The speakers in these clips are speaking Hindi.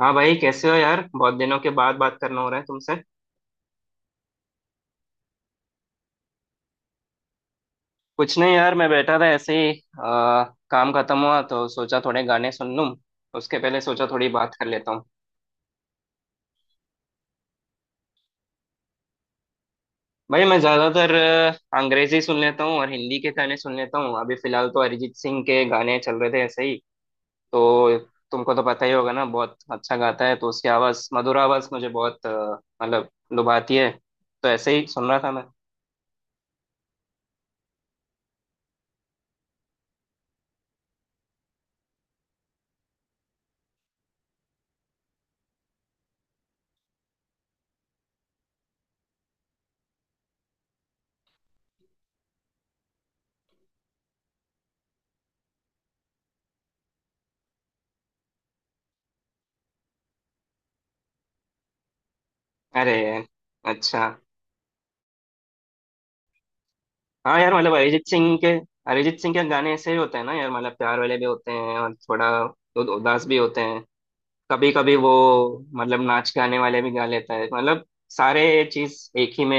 हाँ भाई, कैसे हो यार। बहुत दिनों के बाद बात करना हो रहा है तुमसे। कुछ नहीं यार, मैं बैठा था ऐसे ही। आ, काम खत्म हुआ तो सोचा थोड़े गाने सुन लूँ। उसके पहले सोचा थोड़ी बात कर लेता हूँ। भाई मैं ज्यादातर अंग्रेजी सुन लेता हूँ और हिंदी के गाने सुन लेता हूँ। अभी फिलहाल तो अरिजीत सिंह के गाने चल रहे थे ऐसे ही। तो तुमको तो पता ही होगा ना, बहुत अच्छा गाता है। तो उसकी आवाज, मधुर आवाज मुझे बहुत मतलब लुभाती है। तो ऐसे ही सुन रहा था मैं। अरे, अच्छा। हाँ यार, मतलब अरिजीत सिंह के, अरिजीत सिंह के गाने ऐसे ही होते हैं ना यार। मतलब प्यार वाले भी होते हैं और थोड़ा उदास भी होते हैं कभी कभी वो। मतलब नाच गाने वाले भी गा लेता है। मतलब सारे चीज एक ही में,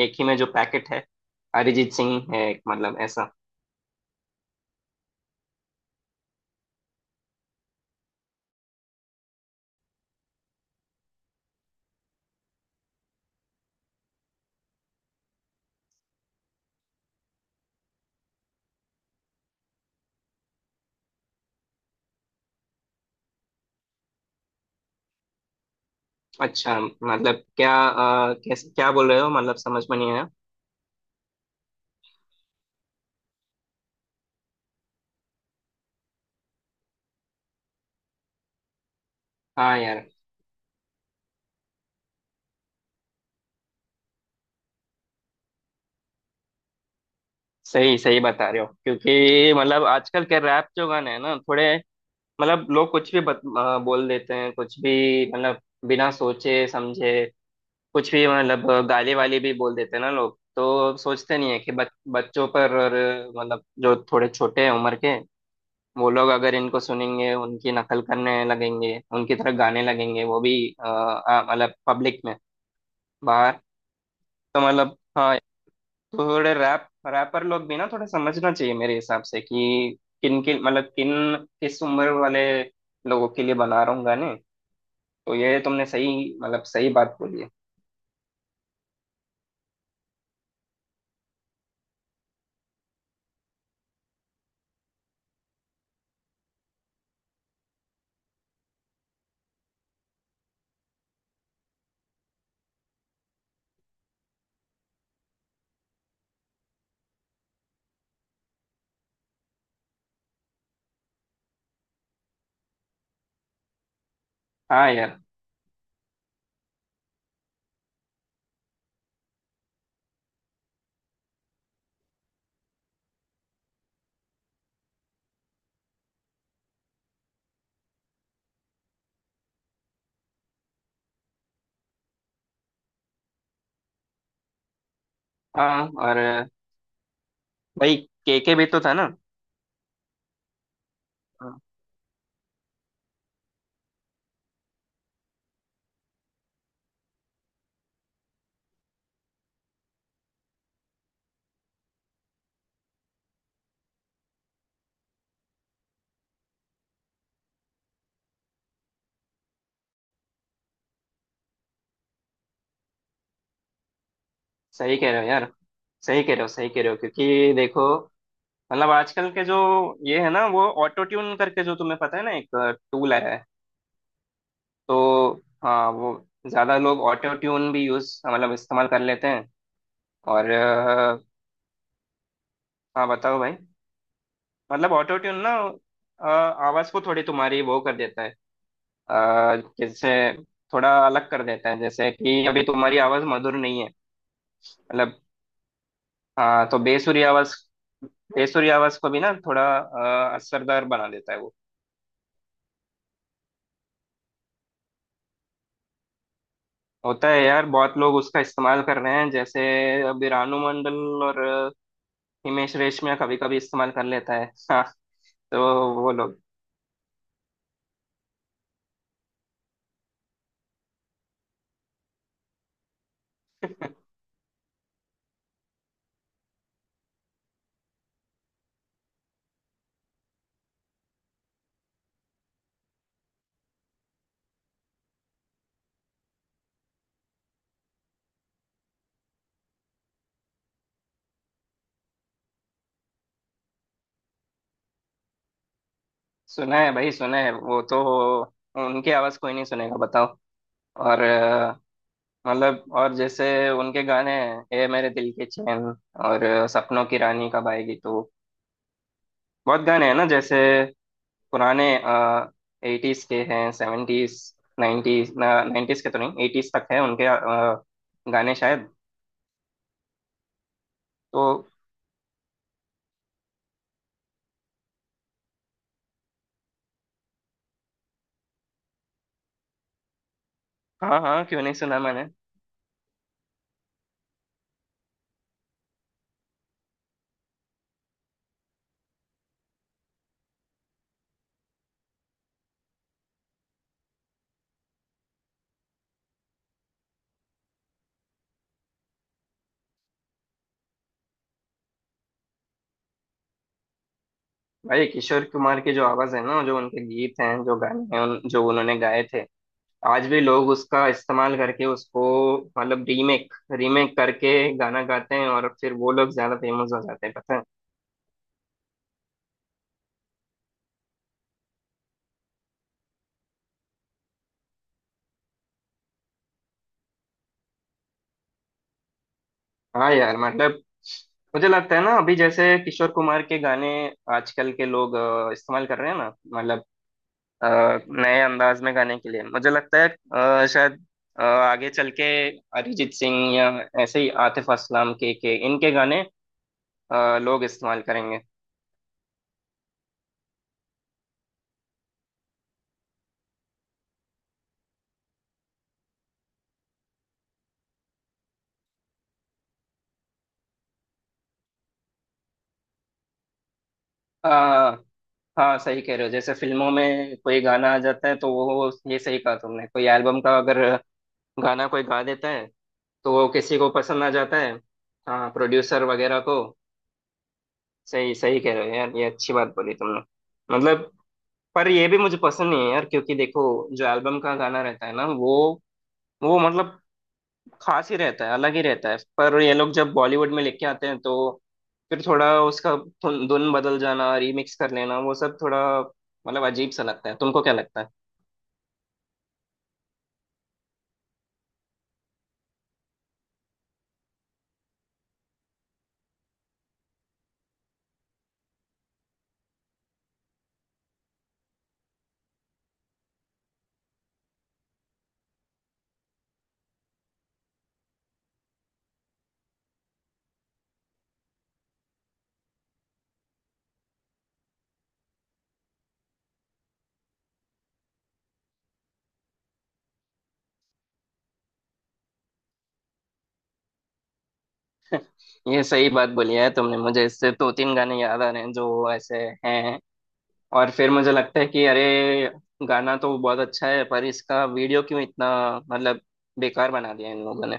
एक ही में जो पैकेट है अरिजीत सिंह है एक, मतलब ऐसा। अच्छा, मतलब क्या कैसे क्या बोल रहे हो, मतलब समझ में नहीं आया। हाँ यार। सही सही बता रहे हो, क्योंकि मतलब आजकल के रैप जो गाने हैं ना थोड़े, मतलब लोग कुछ भी बोल देते हैं कुछ भी, मतलब बिना सोचे समझे कुछ भी, मतलब गाली वाली भी बोल देते हैं ना लोग। तो सोचते नहीं है कि बच्चों पर, और मतलब जो थोड़े छोटे हैं उम्र के, वो लोग अगर इनको सुनेंगे उनकी नकल करने लगेंगे, उनकी तरह गाने लगेंगे वो भी मतलब पब्लिक में बाहर। तो मतलब हाँ, थोड़े रैप रैपर लोग भी ना थोड़ा समझना चाहिए मेरे हिसाब से, कि किन किन मतलब किन किस उम्र वाले लोगों के लिए बना रहा हूँ गाने। तो ये तुमने सही, मतलब सही बात बोली है। हाँ यार। हाँ, और भाई, केके भी तो था ना। हाँ। सही कह रहे हो यार, सही कह रहे हो, सही कह रहे हो, क्योंकि देखो मतलब आजकल के जो ये है ना, वो ऑटो ट्यून करके, जो तुम्हें पता है ना, एक टूल आया है। तो हाँ वो ज्यादा लोग ऑटो ट्यून भी यूज, मतलब इस्तेमाल कर लेते हैं। और अ, हाँ बताओ भाई। मतलब ऑटो ट्यून ना, अ, आवाज को थोड़ी तुम्हारी वो कर देता है। जैसे थोड़ा अलग कर देता है, जैसे कि अभी तुम्हारी आवाज मधुर नहीं है, मतलब। हाँ तो बेसुरी आवाज, बेसुरी आवाज को भी ना थोड़ा असरदार बना देता है वो। होता है यार, बहुत लोग उसका इस्तेमाल कर रहे हैं। जैसे अभी रानू मंडल और अ, हिमेश रेशमिया कभी कभी इस्तेमाल कर लेता है। हाँ। तो वो लोग। सुना है भाई, सुना है, वो तो उनकी आवाज कोई नहीं सुनेगा बताओ। और मतलब और जैसे उनके गाने हैं, ए मेरे दिल के चैन, सपनों की रानी कब आएगी। तो बहुत गाने हैं ना, जैसे पुराने एटीज के हैं, सेवेंटीज, नाइन्टीज, नाइन्टीज के तो नहीं, एटीज तक हैं उनके गाने शायद। तो हाँ हाँ, क्यों नहीं सुना मैंने। भाई किशोर कुमार की जो आवाज़ है ना, जो उनके गीत हैं, जो गाने हैं जो उन्होंने गाए थे, आज भी लोग उसका इस्तेमाल करके उसको मतलब रीमेक, रीमेक करके गाना गाते हैं, और फिर वो लोग ज्यादा फेमस हो जाते हैं पता है। हाँ यार, मतलब मुझे लगता है ना, अभी जैसे किशोर कुमार के गाने आजकल के लोग इस्तेमाल कर रहे हैं ना, मतलब अ, नए अंदाज में गाने के लिए। मुझे लगता है शायद आगे चल के अरिजीत सिंह या ऐसे ही आतिफ असलम के इनके गाने लोग इस्तेमाल करेंगे। आ, हाँ सही कह रहे हो। जैसे फिल्मों में कोई गाना आ जाता है तो वो ये सही कहा तुमने, कोई एल्बम का अगर गाना कोई गा देता है तो वो किसी को पसंद आ जाता है, हाँ प्रोड्यूसर वगैरह को। सही सही कह रहे हो यार, ये अच्छी बात बोली तुमने। मतलब पर ये भी मुझे पसंद नहीं है यार, क्योंकि देखो जो एल्बम का गाना रहता है ना, वो मतलब खास ही रहता है, अलग ही रहता है, पर ये लोग जब बॉलीवुड में लेके आते हैं, तो फिर थोड़ा उसका धुन धुन बदल जाना, रीमिक्स कर लेना, वो सब थोड़ा मतलब अजीब सा लगता है। तुमको क्या लगता है। ये सही बात बोली है तुमने, मुझे इससे दो तीन गाने याद आ रहे हैं जो ऐसे हैं। और फिर मुझे लगता है कि अरे गाना तो बहुत अच्छा है, पर इसका वीडियो क्यों इतना मतलब बेकार बना दिया इन लोगों ने।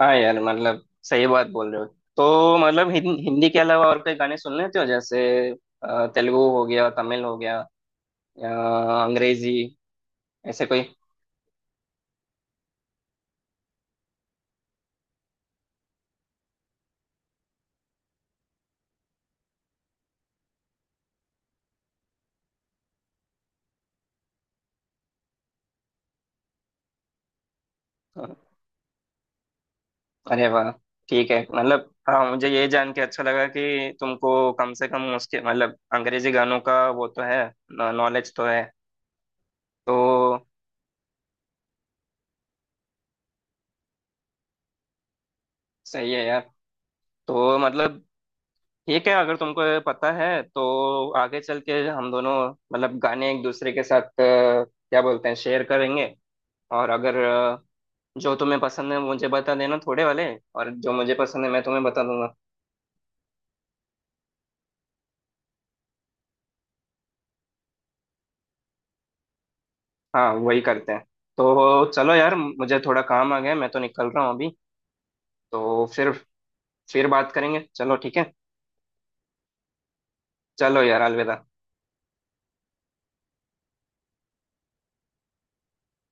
हाँ यार मतलब सही बात बोल रहे हो। तो मतलब हिंदी के अलावा और कोई गाने सुन लेते हो, जैसे तेलुगु हो गया, तमिल हो गया, या अंग्रेजी, ऐसे कोई। अरे वाह, ठीक है। मतलब हाँ, मुझे ये जान के अच्छा लगा कि तुमको कम से कम उसके मतलब अंग्रेजी गानों का वो तो है, नॉलेज तो है। तो सही है यार। तो मतलब ठीक है, अगर तुमको ये पता है तो आगे चल के हम दोनों मतलब गाने एक दूसरे के साथ क्या बोलते हैं, शेयर करेंगे। और अगर अ, जो तुम्हें पसंद है मुझे बता देना थोड़े वाले, और जो मुझे पसंद है मैं तुम्हें बता दूंगा। हाँ वही करते हैं। तो चलो यार, मुझे थोड़ा काम आ गया है, मैं तो निकल रहा हूँ अभी। तो फिर बात करेंगे, चलो ठीक है। चलो यार, अलविदा।